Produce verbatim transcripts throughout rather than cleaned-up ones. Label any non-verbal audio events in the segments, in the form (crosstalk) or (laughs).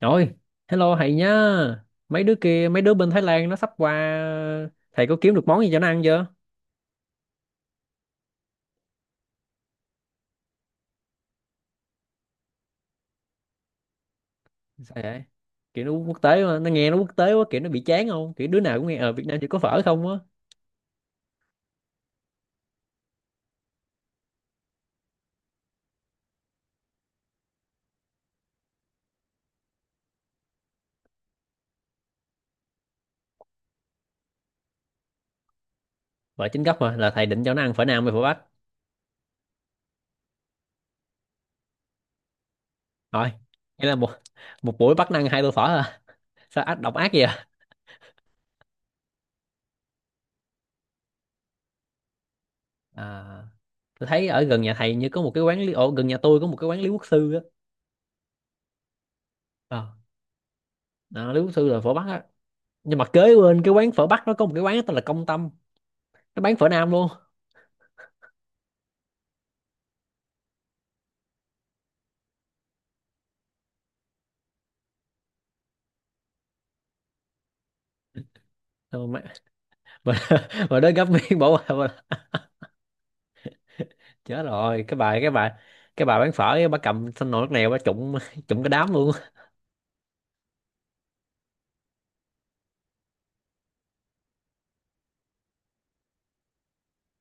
Trời, hello thầy nhá. Mấy đứa kia, mấy đứa bên Thái Lan nó sắp qua, thầy có kiếm được món gì cho nó ăn chưa? Sao vậy? Kiểu nó quốc tế mà, nó nghe nó quốc tế quá, kiểu nó bị chán không? Kiểu đứa nào cũng nghe ở Việt Nam chỉ có phở không á. Phở chính gốc mà, là thầy định cho nó ăn phở Nam hay phở Bắc? Rồi, nghĩa là một một buổi bắt nó ăn hai tô phở à? (laughs) Sao ác độc ác vậy? À, À, tôi thấy ở gần nhà thầy như có một cái quán lý, ồ, gần nhà tôi có một cái quán Lý Quốc Sư á. Ờ, Đó, Lý Quốc Sư là phở Bắc á. Nhưng mà kế bên cái quán phở Bắc nó có một cái quán tên là Công Tâm, nó bán phở Nam luôn. Ừ, mà (laughs) mà đến gấp miếng bỏ qua mà- chết rồi cái bà cái bà cái bà bán phở ấy, bà cầm thanh nồi nước nèo bà trụng (laughs) trụng cái đám luôn.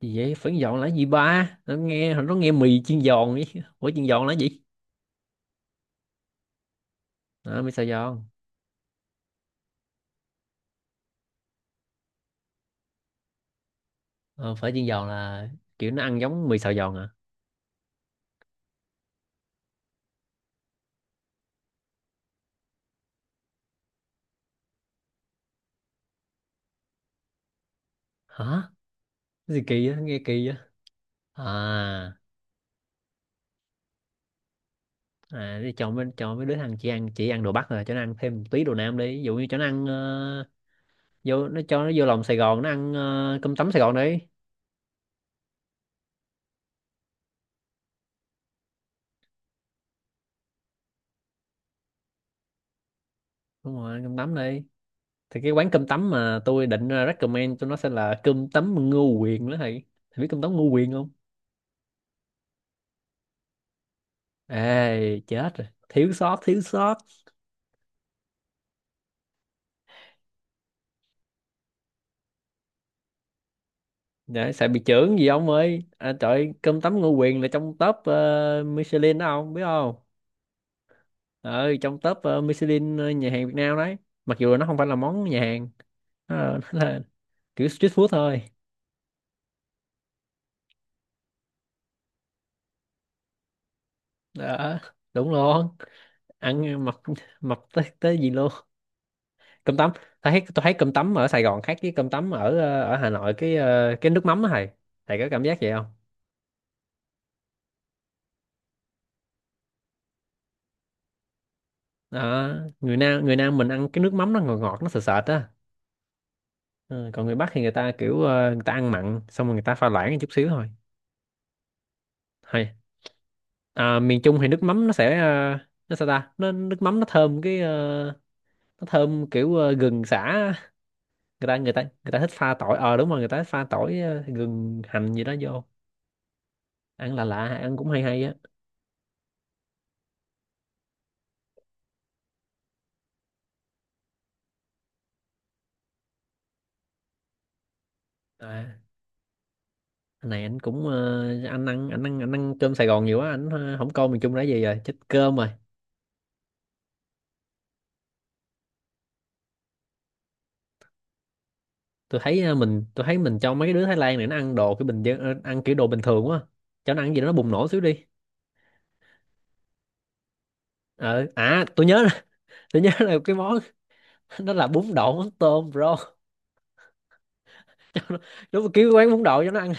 Gì vậy phở giòn là gì, ba nó nghe nó nghe mì chiên giòn ấy. Phở (laughs) chiên giòn là gì? À, mì xào giòn. Ờ, Phở chiên giòn là kiểu nó ăn giống mì xào giòn à? Hả, cái gì kỳ á, nghe kỳ á. À, à để cho mấy cho mấy đứa thằng chỉ ăn chỉ ăn đồ Bắc rồi cho nó ăn thêm một tí đồ Nam đi, ví dụ như cho nó ăn, ờ, vô nó cho nó vô lòng Sài Gòn nó ăn ờ, cơm tấm Sài Gòn đi. Đúng rồi, ăn cơm tấm đi. Thì cái quán cơm tấm mà tôi định ờ, recommend cho nó sẽ là cơm tấm Ngô Quyền đó thầy. Thầy biết cơm tấm Ngô Quyền không? Ê chết rồi, thiếu sót thiếu sót. Dạ, sợ bị chưởng gì ông ơi, à, trời ơi, cơm tấm Ngô Quyền là trong top ờ, Michelin đó ông biết không? Ừ, trong top ờ, Michelin ờ, nhà hàng Việt Nam đấy. Mặc dù là nó không phải là món nhà hàng, nó (laughs) là, nó là kiểu street food thôi. Đó, đúng luôn. Ăn mập, mập tới tới gì luôn. Cơm tấm, tôi thấy tôi thấy cơm tấm ở Sài Gòn khác với cơm tấm ở ờ, ở Hà Nội cái ờ, cái nước mắm á thầy. Thầy có cảm giác vậy không? Đó, người Nam, người Nam mình ăn cái nước mắm nó ngọt ngọt nó sệt sệt á. Ừ, còn người Bắc thì người ta kiểu ờ, người ta ăn mặn xong rồi người ta pha loãng chút xíu thôi. Hay. À, miền Trung thì nước mắm nó sẽ ờ, nó sao ta, nó nước mắm nó thơm cái ờ, nó thơm kiểu ờ, gừng sả á. Người ta người ta người ta thích pha tỏi, ờ đúng rồi, người ta thích pha tỏi ờ, gừng hành gì đó vô. Ăn là lạ lạ, ăn cũng hay hay á. À, này anh cũng ờ, anh ăn anh ăn anh ăn cơm Sài Gòn nhiều quá, anh ờ, không coi miền Trung là gì rồi, chết cơm rồi. Tôi thấy ờ, mình tôi thấy mình cho mấy cái đứa Thái Lan này nó ăn đồ cái bình dân, ờ, ăn kiểu đồ bình thường quá, cho nó ăn gì đó nó bùng nổ xíu đi. Ờ à tôi nhớ là, (laughs) tôi nhớ là cái món (laughs) nó là bún đậu mắm tôm bro. Đúng là kiểu quán bún đậu cho nó ăn,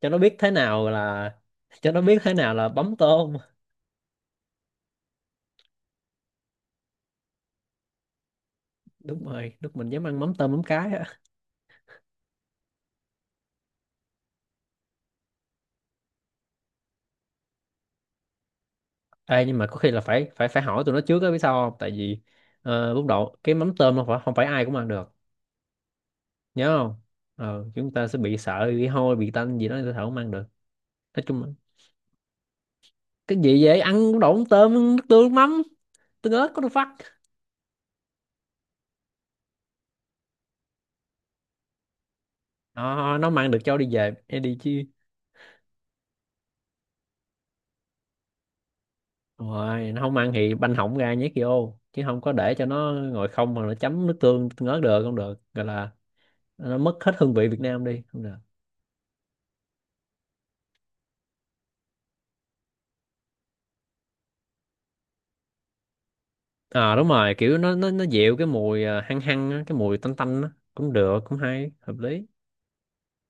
cho nó biết thế nào là cho nó biết thế nào là bấm tôm. Đúng rồi, lúc mình dám ăn mắm tôm mắm cái á. Ê, nhưng mà có khi là phải phải phải hỏi tụi nó trước á, biết sao không, tại vì ờ, bún đậu cái mắm tôm không phải không phải ai cũng ăn được. Nhớ không, ờ, chúng ta sẽ bị sợ bị hôi bị tanh gì đó, người ta thở không ăn được. Nói chung là, cái gì vậy, ăn cũng độn tôm nước tương nước mắm tương ớt có được phát. Ờ, nó mà ăn được cho đi về hay đi chứ. Rồi nó không ăn thì banh hỏng ra nhét vô, chứ không có để cho nó ngồi không mà nó chấm nước tương tương ớt được, không được gọi là, nó mất hết hương vị Việt Nam đi, không được. À đúng rồi, kiểu nó nó nó dịu cái mùi à, hăng hăng á, cái mùi tanh tanh á, cũng được, cũng hay, hợp lý.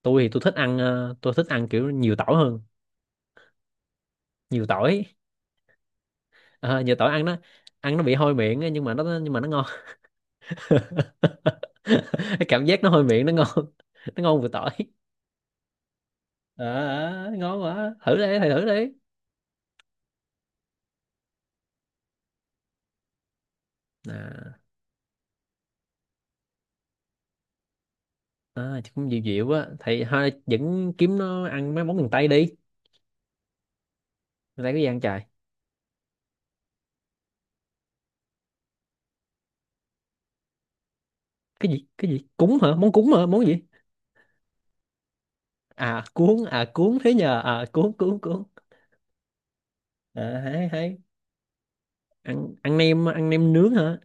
Tôi thì tôi thích ăn à, tôi thích ăn kiểu nhiều tỏi hơn. Nhiều tỏi. Ờ, nhiều tỏi ăn nó, ăn nó bị hôi miệng á, nhưng mà nó nhưng mà nó ngon. (laughs) Cái cảm giác nó hôi miệng nó ngon, (laughs) nó ngon vừa tỏi. Ờ, ờ, ngon quá, thử đi thầy, thử đi. À, à chứ cũng dịu dịu á thầy, thôi vẫn kiếm nó ăn mấy món miền Tây đi. Miền Tây có gì ăn trời. Cái gì, cái gì cuốn hả, món cuốn hả, món gì? À cuốn, à cuốn thế nhờ, à cuốn cuốn cuốn. À, hay hay. Ăn ăn nem Ăn nem nướng hả?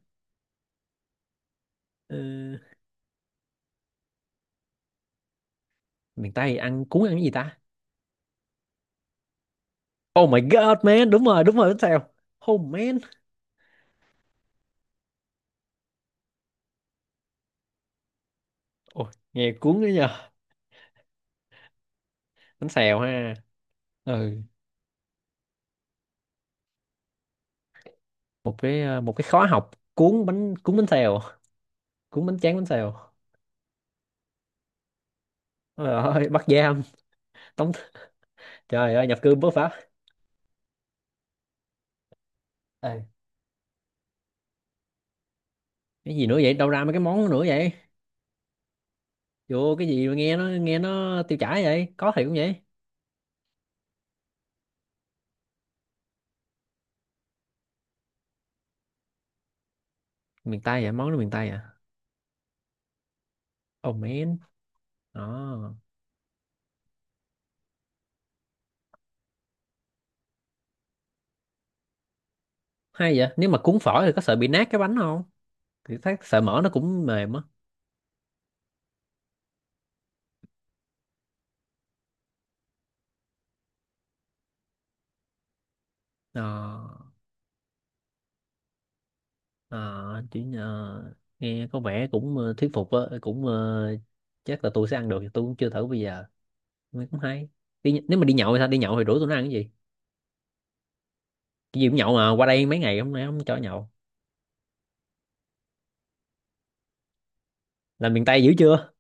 Ừ, miền Tây ăn cuốn, ăn cái gì ta? Oh my god man, đúng rồi đúng rồi, bánh xèo. Oh man. Ôi, nghe cuốn đấy nhờ. Bánh xèo ha. Ừ, một cái ờ, một cái khóa học cuốn bánh cuốn bánh xèo, cuốn bánh tráng bánh xèo. Ôi trời ơi bắt giam, tống, trời ơi nhập cư bất pháp. Ê, cái gì nữa vậy, đâu ra mấy cái món nữa vậy, vô cái gì mà nghe nó nghe nó tiêu chảy vậy, có thiệt cũng vậy? Miền Tây vậy, món đó miền Tây à? Oh man. Đó, hay vậy, nếu mà cuốn phở thì có sợ bị nát cái bánh không, thì thấy sợ mỡ nó cũng mềm á. Ờ. Ờ, chỉ ờ, nghe có vẻ cũng ờ, thuyết phục á, cũng ờ, chắc là tôi sẽ ăn được, tôi cũng chưa thử bây giờ. Nghe cũng hay. Đi, nh- nếu mà đi nhậu thì sao, đi nhậu thì rủ tôi nó ăn cái gì, cái gì cũng nhậu mà qua đây mấy ngày hôm nay không cho nhậu. Làm miền Tây dữ chưa.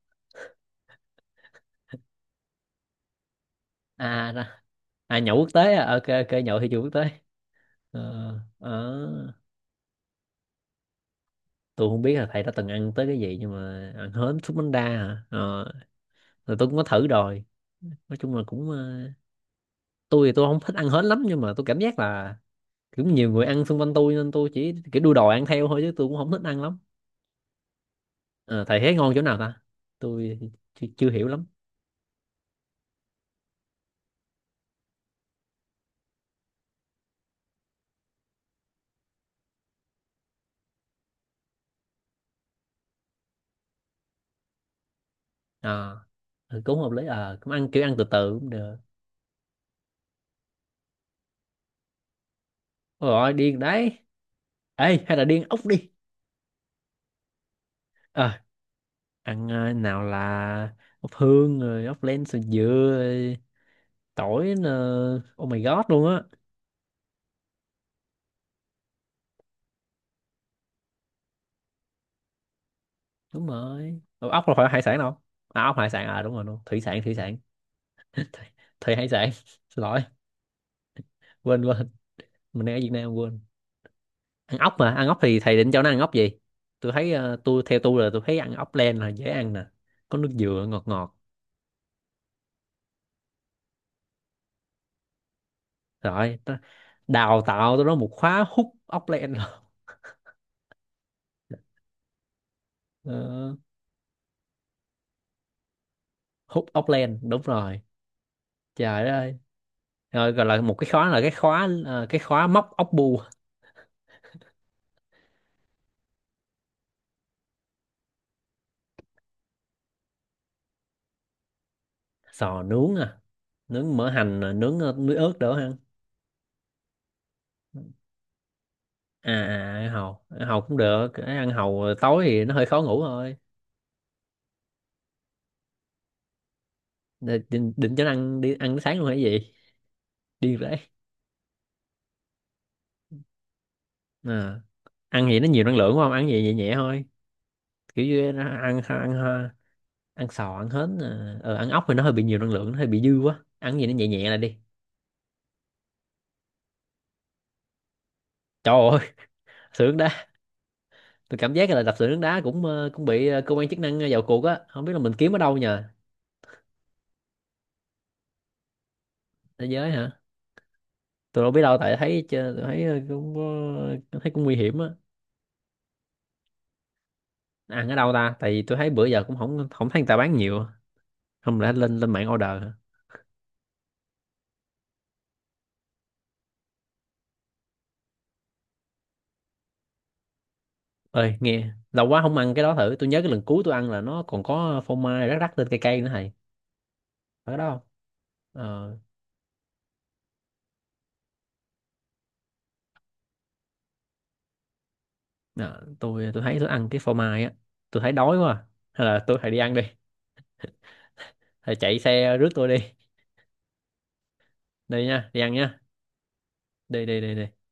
À ra- à nhậu quốc tế à, ok ok, nhậu thì chưa quốc tế. Ờ, ờ, tôi không biết là thầy đã từng ăn tới cái gì nhưng mà ăn hến súp bánh đa hả? Ờ, rồi tôi cũng có thử rồi, nói chung là cũng ờ, tôi thì tôi không thích ăn hến lắm, nhưng mà tôi cảm giác là kiểu nhiều người ăn xung quanh tôi nên tôi chỉ kiểu đu đòi ăn theo thôi, chứ tôi cũng không thích ăn lắm. Ờ, thầy thấy ngon chỗ nào ta, tôi chưa, chưa hiểu lắm. À, ừ, cũng hợp lý, à cũng ăn kiểu ăn từ từ cũng được. Ôi rồi điên đấy. Ê, hay là điên ốc đi. Ờ, ăn ờ, nào là ốc hương rồi ốc len sườn dừa, rồi tỏi nè. Oh my god luôn á. Đúng rồi. Ủa, ốc là phải hải sản đâu. À ốc hải sản à, đúng rồi, đúng, thủy sản thủy sản. (laughs) thủy, Thủy hải sản. (laughs) Xin lỗi, quên quên, mình đang ở Việt Nam quên. Ăn ốc, mà ăn ốc thì thầy định cho nó ăn ốc gì? Tôi thấy ờ, tôi theo tôi là tôi thấy ăn ốc len là dễ ăn nè, có nước dừa ngọt ngọt. Rồi ta- đào tạo tôi đó một khóa hút ốc len. (laughs) Ờ, hút ốc len đúng rồi, trời đất ơi. Rồi gọi là một cái khóa là cái khóa ờ, cái khóa móc ốc bu. Sò nướng à, nướng mỡ hành à, nướng ờ, muối ớt đỡ ăn. À à ăn hàu ăn hàu cũng được. Cái ăn hàu tối thì nó hơi khó ngủ thôi. Định, định cho nó ăn đi ăn sáng luôn hay gì, điên rể. À. Ăn gì nó nhiều năng lượng quá, không ăn gì nhẹ nhẹ thôi, kiểu như nó ăn ăn ăn, sò ăn hến à. ờ, Ăn ốc thì nó hơi bị nhiều năng lượng, nó hơi bị dư quá, ăn gì nó nhẹ nhẹ là đi. Trời ơi. (laughs) Sữa nước đá. Tôi cảm giác là đập sữa nước đá cũng ờ, cũng bị ờ, cơ quan chức năng ờ, vào cuộc á, không biết là mình kiếm ở đâu nhờ. Thế giới hả? Tôi đâu biết đâu, tại thấy chơ- tôi thấy ờ, cũng có- thấy cũng nguy hiểm á. Ăn ở đâu ta, tại vì tôi thấy bữa giờ cũng không không thấy người ta bán nhiều. Không lẽ lên lên mạng order hả? Ơi nghe lâu quá không ăn cái đó thử, tôi nhớ cái lần cuối tôi ăn là nó còn có phô mai rắc rắc lên cây cây nữa thầy. Ở đâu? ờ Đó, tôi tôi thấy tôi ăn cái phô mai á, tôi thấy đói quá à. Hay là tôi phải đi ăn đi, hay chạy xe rước tôi đi, đi nha, đi ăn nha, đi đi đi đi.